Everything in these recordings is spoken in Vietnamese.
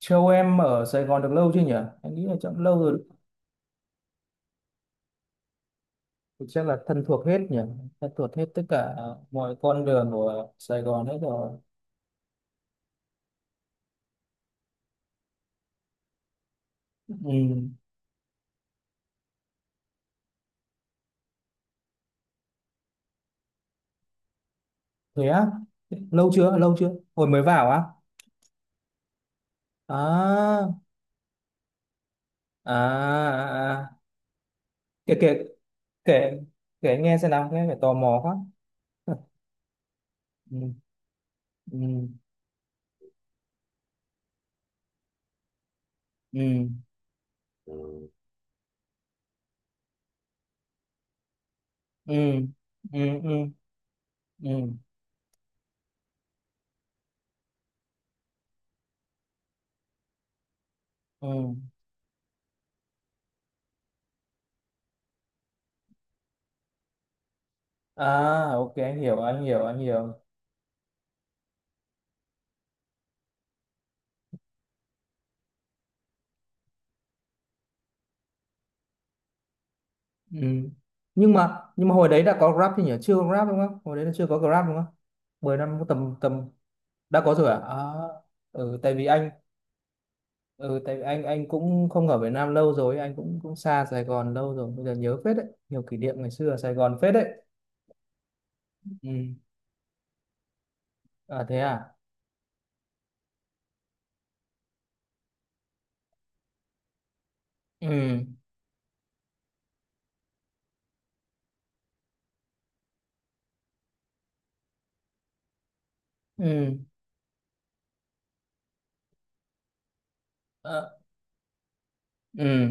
Châu em ở Sài Gòn được lâu chưa nhỉ? Em nghĩ là chắc lâu rồi. Thì chắc là thân thuộc hết nhỉ? Thân thuộc hết tất cả mọi con đường của Sài Gòn hết rồi. Ừ, thế á? Lâu chưa? Lâu chưa? Hồi mới vào á? À, à, à, à. Kể, kể, kể, kể nghe xem nào, nghe phải tò mò quá. Ừ, ừ, ừ, ừ, ừ, ừ, ừ, ừ. À, ok, anh hiểu, anh hiểu, anh hiểu. Ừ. Nhưng mà hồi đấy đã có Grab thì nhỉ? Chưa có Grab đúng không? Hồi đấy là chưa có Grab đúng không? 10 năm có tầm tầm đã có rồi à? À, ừ, tại vì anh ừ, tại vì anh cũng không ở Việt Nam lâu rồi, anh cũng cũng xa Sài Gòn lâu rồi, bây giờ nhớ phết đấy, nhiều kỷ niệm ngày xưa ở Sài Gòn phết đấy. Ừ. À thế à? Ừ. Ừ. Ờ, ừ.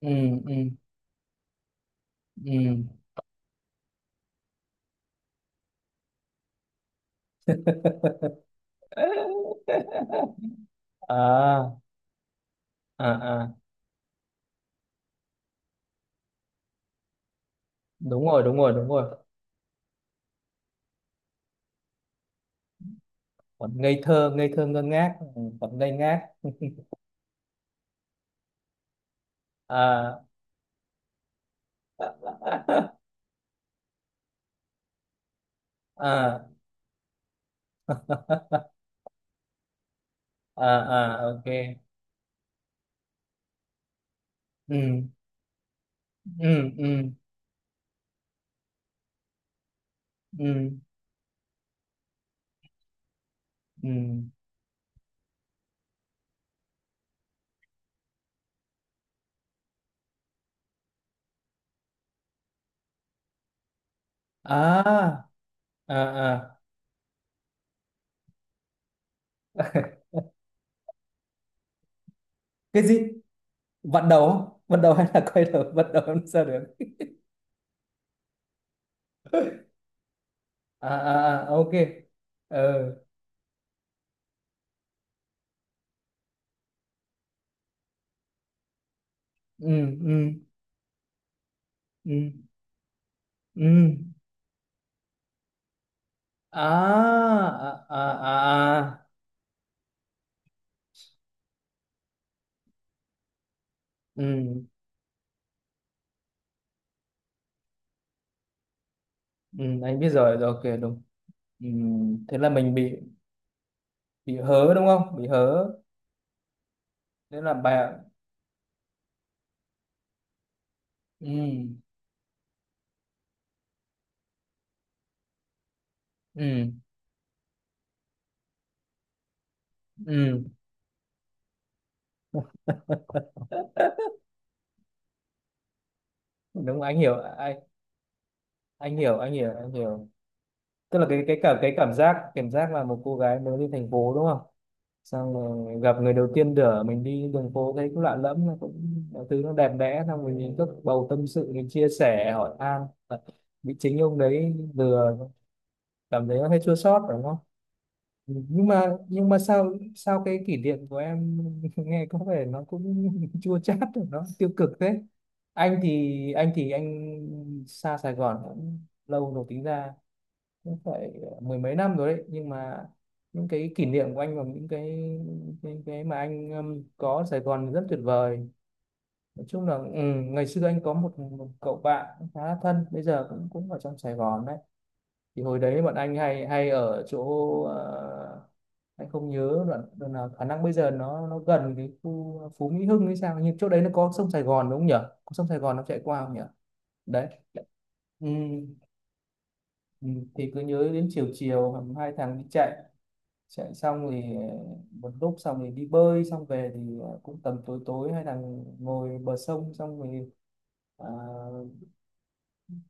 Ừ. Ừ. Ừ. À, à, à, đúng rồi, đúng rồi, đúng rồi. Còn ngây thơ ngơ ngác, ừ, còn ngây ngác. À. À, à, à, ok. Ừ, ừ, ừ, ừ, ừ. À, à, à. Cái gì? Vặn đầu không? Vặn đầu hay là quay đầu? Vặn đầu làm sao được? À, à, à, ok. Ờ. Ừ, ừ, ừ, ừ. À, à, à, à, à. Ừ, ừ, anh biết rồi rồi, ok, đúng. Ừ. Thế là mình bị hớ đúng không, bị hớ? Thế là bài. Ừ, ừ, ừ, đúng, anh hiểu, anh hiểu anh hiểu anh hiểu Tức là cái cả cái cảm giác là một cô gái mới đi thành phố đúng không, xong rồi gặp người đầu tiên đỡ mình đi đường phố thấy cũng lạ lẫm, nó cũng mọi thứ nó đẹp đẽ, xong rồi mình cứ bầu tâm sự mình chia sẻ hỏi han, bị chính ông đấy vừa, cảm thấy nó hơi chua xót đúng không. Nhưng mà nhưng mà sao sao cái kỷ niệm của em nghe có vẻ nó cũng chua chát rồi, nó tiêu cực thế. Anh thì anh xa Sài Gòn cũng lâu rồi, tính ra cũng phải mười mấy năm rồi đấy, nhưng mà những cái kỷ niệm của anh và những cái, cái mà anh có ở Sài Gòn rất tuyệt vời. Nói chung là, ừ, ngày xưa anh có một, một cậu bạn khá là thân, bây giờ cũng cũng ở trong Sài Gòn đấy, thì hồi đấy bọn anh hay hay ở chỗ ờ, anh không nhớ đoạn, đoạn nào, khả năng bây giờ nó gần cái khu Phú Mỹ Hưng hay sao, nhưng chỗ đấy nó có sông Sài Gòn đúng không nhỉ? Có sông Sài Gòn nó chạy qua không nhỉ? Đấy. Ừ, ừ, thì cứ nhớ đến chiều chiều hầm hai thằng đi chạy, chạy xong thì một lúc xong thì đi bơi, xong về thì cũng tầm tối tối hai thằng ngồi bờ sông, xong thì, à,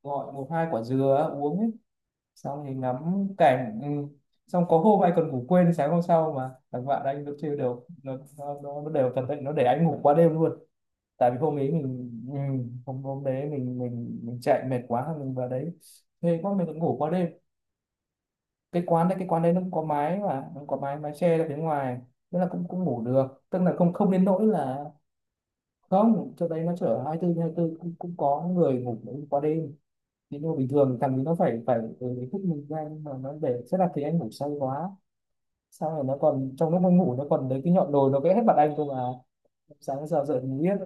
gọi một hai quả dừa uống ấy, xong thì ngắm cảnh. Ừ. Xong có hôm anh còn ngủ quên sáng hôm sau, mà thằng bạn anh nó chơi đều, nó đều cẩn thận, nó để anh ngủ qua đêm luôn, tại vì hôm ấy mình, ừ, hôm hôm đấy mình chạy mệt quá mình vào đấy, thế quá mình cũng ngủ qua đêm. Cái quán đấy, cái quán đấy nó cũng có mái mà, nó có mái, mái che ra phía ngoài, nên là cũng cũng ngủ được, tức là không, không đến nỗi là. Không, chỗ đấy nó chở 24/24 cũng cũng có người ngủ qua đêm, những đồ bình thường thằng ấy nó phải phải, ừ, ý thức mình ra, nhưng mà nó để sẽ là thấy anh ngủ say quá. Sau này nó còn trong lúc anh ngủ nó còn lấy cái nhọn đồi nó vẽ hết mặt anh cơ mà, sáng giờ dậy mình biết.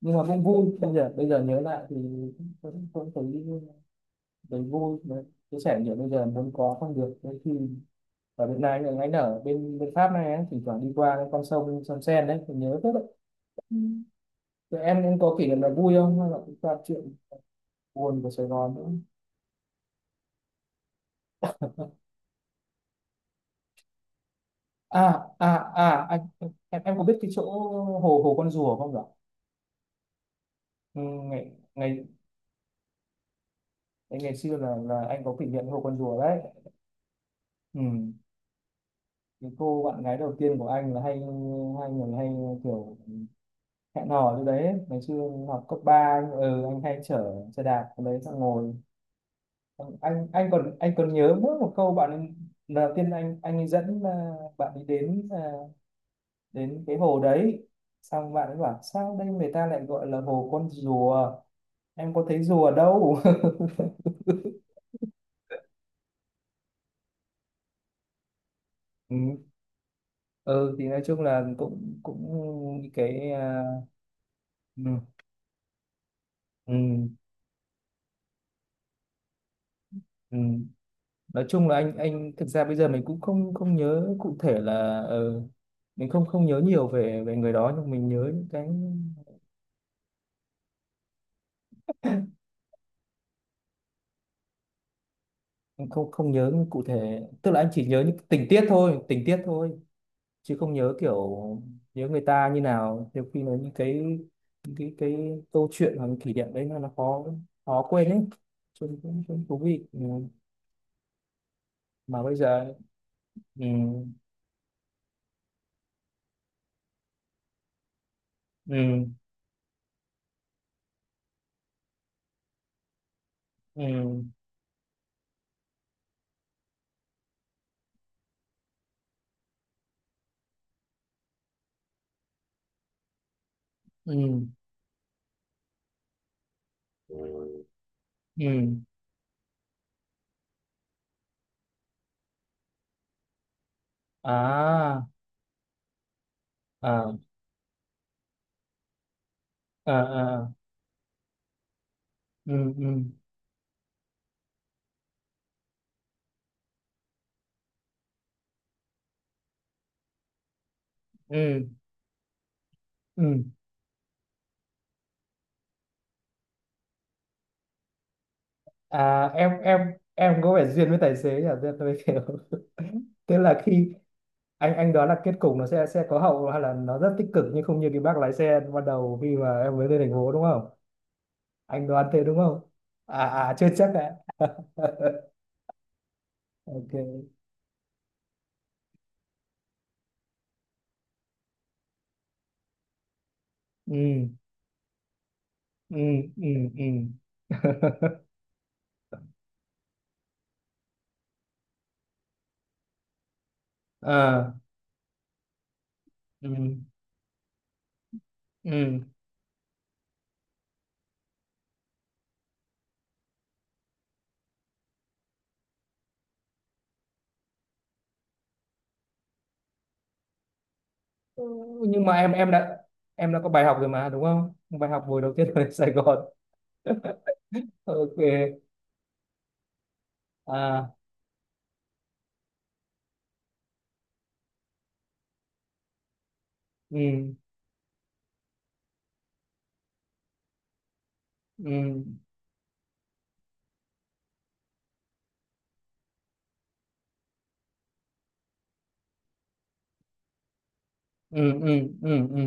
Nhưng mà cũng vui, bây giờ nhớ lại thì cũng cũng thấy, thấy vui. Đấy, chia sẻ nhiều, bây giờ muốn có không được đôi khi. Ở Việt Nam, anh ở bên bên Pháp này ấy, thỉnh thoảng đi qua cái con sông, sông Sen đấy mình nhớ rất. Ừ. Rồi em có kỷ niệm là vui không hay là cũng toàn chuyện buồn của Sài Gòn nữa? À, à, à, anh em có biết cái chỗ hồ hồ con rùa không nhỉ? Ừ, ngày ngày ngày xưa là anh có kỷ niệm hồ con rùa đấy. Ừ. Cái cô bạn gái đầu tiên của anh là hay, hai người hay kiểu hẹn hò như đấy, ngày xưa học cấp 3, anh, ừ, anh hay chở xe đạp ở đấy xong ngồi, anh còn nhớ mỗi một câu bạn ấy. Lần đầu tiên anh ấy dẫn, à, bạn đi đến, à, đến cái hồ đấy, xong bạn ấy bảo sao đây người ta lại gọi là hồ con rùa, em có thấy dù ở đâu. Ừ. Ừ thì nói chung là cũng cũng cái, à, ừ. Ừ. Ừ. Nói chung là anh thực ra bây giờ mình cũng không, không nhớ cụ thể là, ờ, mình không, không nhớ nhiều về về người đó, nhưng mình nhớ những cái, mình không, không nhớ cụ thể, tức là anh chỉ nhớ những tình tiết thôi, tình tiết thôi, chứ không nhớ kiểu nhớ người ta như nào, nhiều khi là những cái, những cái câu chuyện hoặc là kỷ niệm đấy nó khó, khó quên ấy, chung cũng cũng thú vị. Ừ. Mà bây giờ, ừ, ừ, ừ, ừ, ừ, à, à, à, à, ừ, ừ, ừ, ừ, à. Em có vẻ duyên với tài xế nhỉ. Duyên tôi kiểu. Tức là khi anh đoán là kết cục nó sẽ có hậu hay là nó rất tích cực, nhưng không như cái bác lái xe ban đầu khi mà em mới lên thành phố đúng không, anh đoán thế đúng không? À, à, chưa chắc đấy. Ok. Ừ, ừ, ừ, ừ. À. Ừ, ừ. Ừ, nhưng mà em, em đã có bài học rồi mà đúng không, bài học buổi đầu tiên ở Sài Gòn. Ok. À, ừ, ừ, ừ, ừ, ừ, ừ,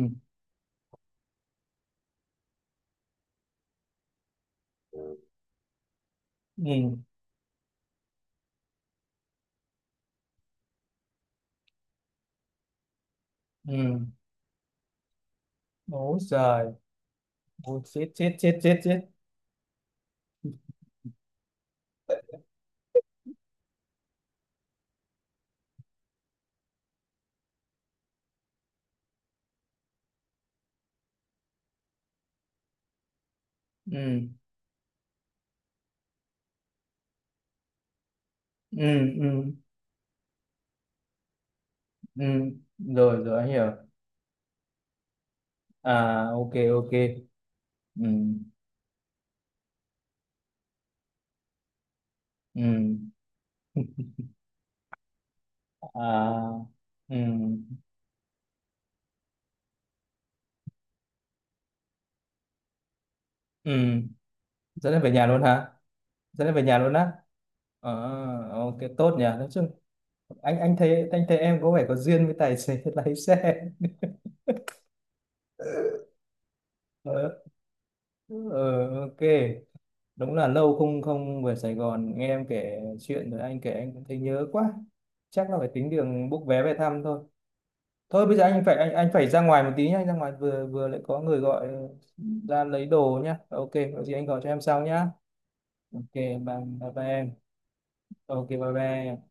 ừ, ừ. Bố giời. Bố chết chết chết chết chết. Ừ, ừ, ừ, ừ, rồi rồi anh hiểu. À, ok, ok. Ừ, ừ. À, ừ, ừ. Dẫn em về nhà luôn hả? Dẫn em về nhà luôn á? Ờ. Ok, tốt nhỉ, nói chung. Anh thấy, anh thấy em có vẻ có duyên với tài xế lái xe. Ờ, ờ, ok. Đúng là lâu không, không về Sài Gòn, nghe em kể chuyện rồi anh kể anh cũng thấy nhớ quá, chắc là phải tính đường book vé về thăm thôi. Thôi bây giờ anh phải, anh phải ra ngoài một tí nhá, anh ra ngoài, vừa vừa lại có người gọi, ra lấy đồ nhá, ok. Có gì anh gọi cho em sau nhá. Ok. Bye bye, bye em. Ok, bye bye em.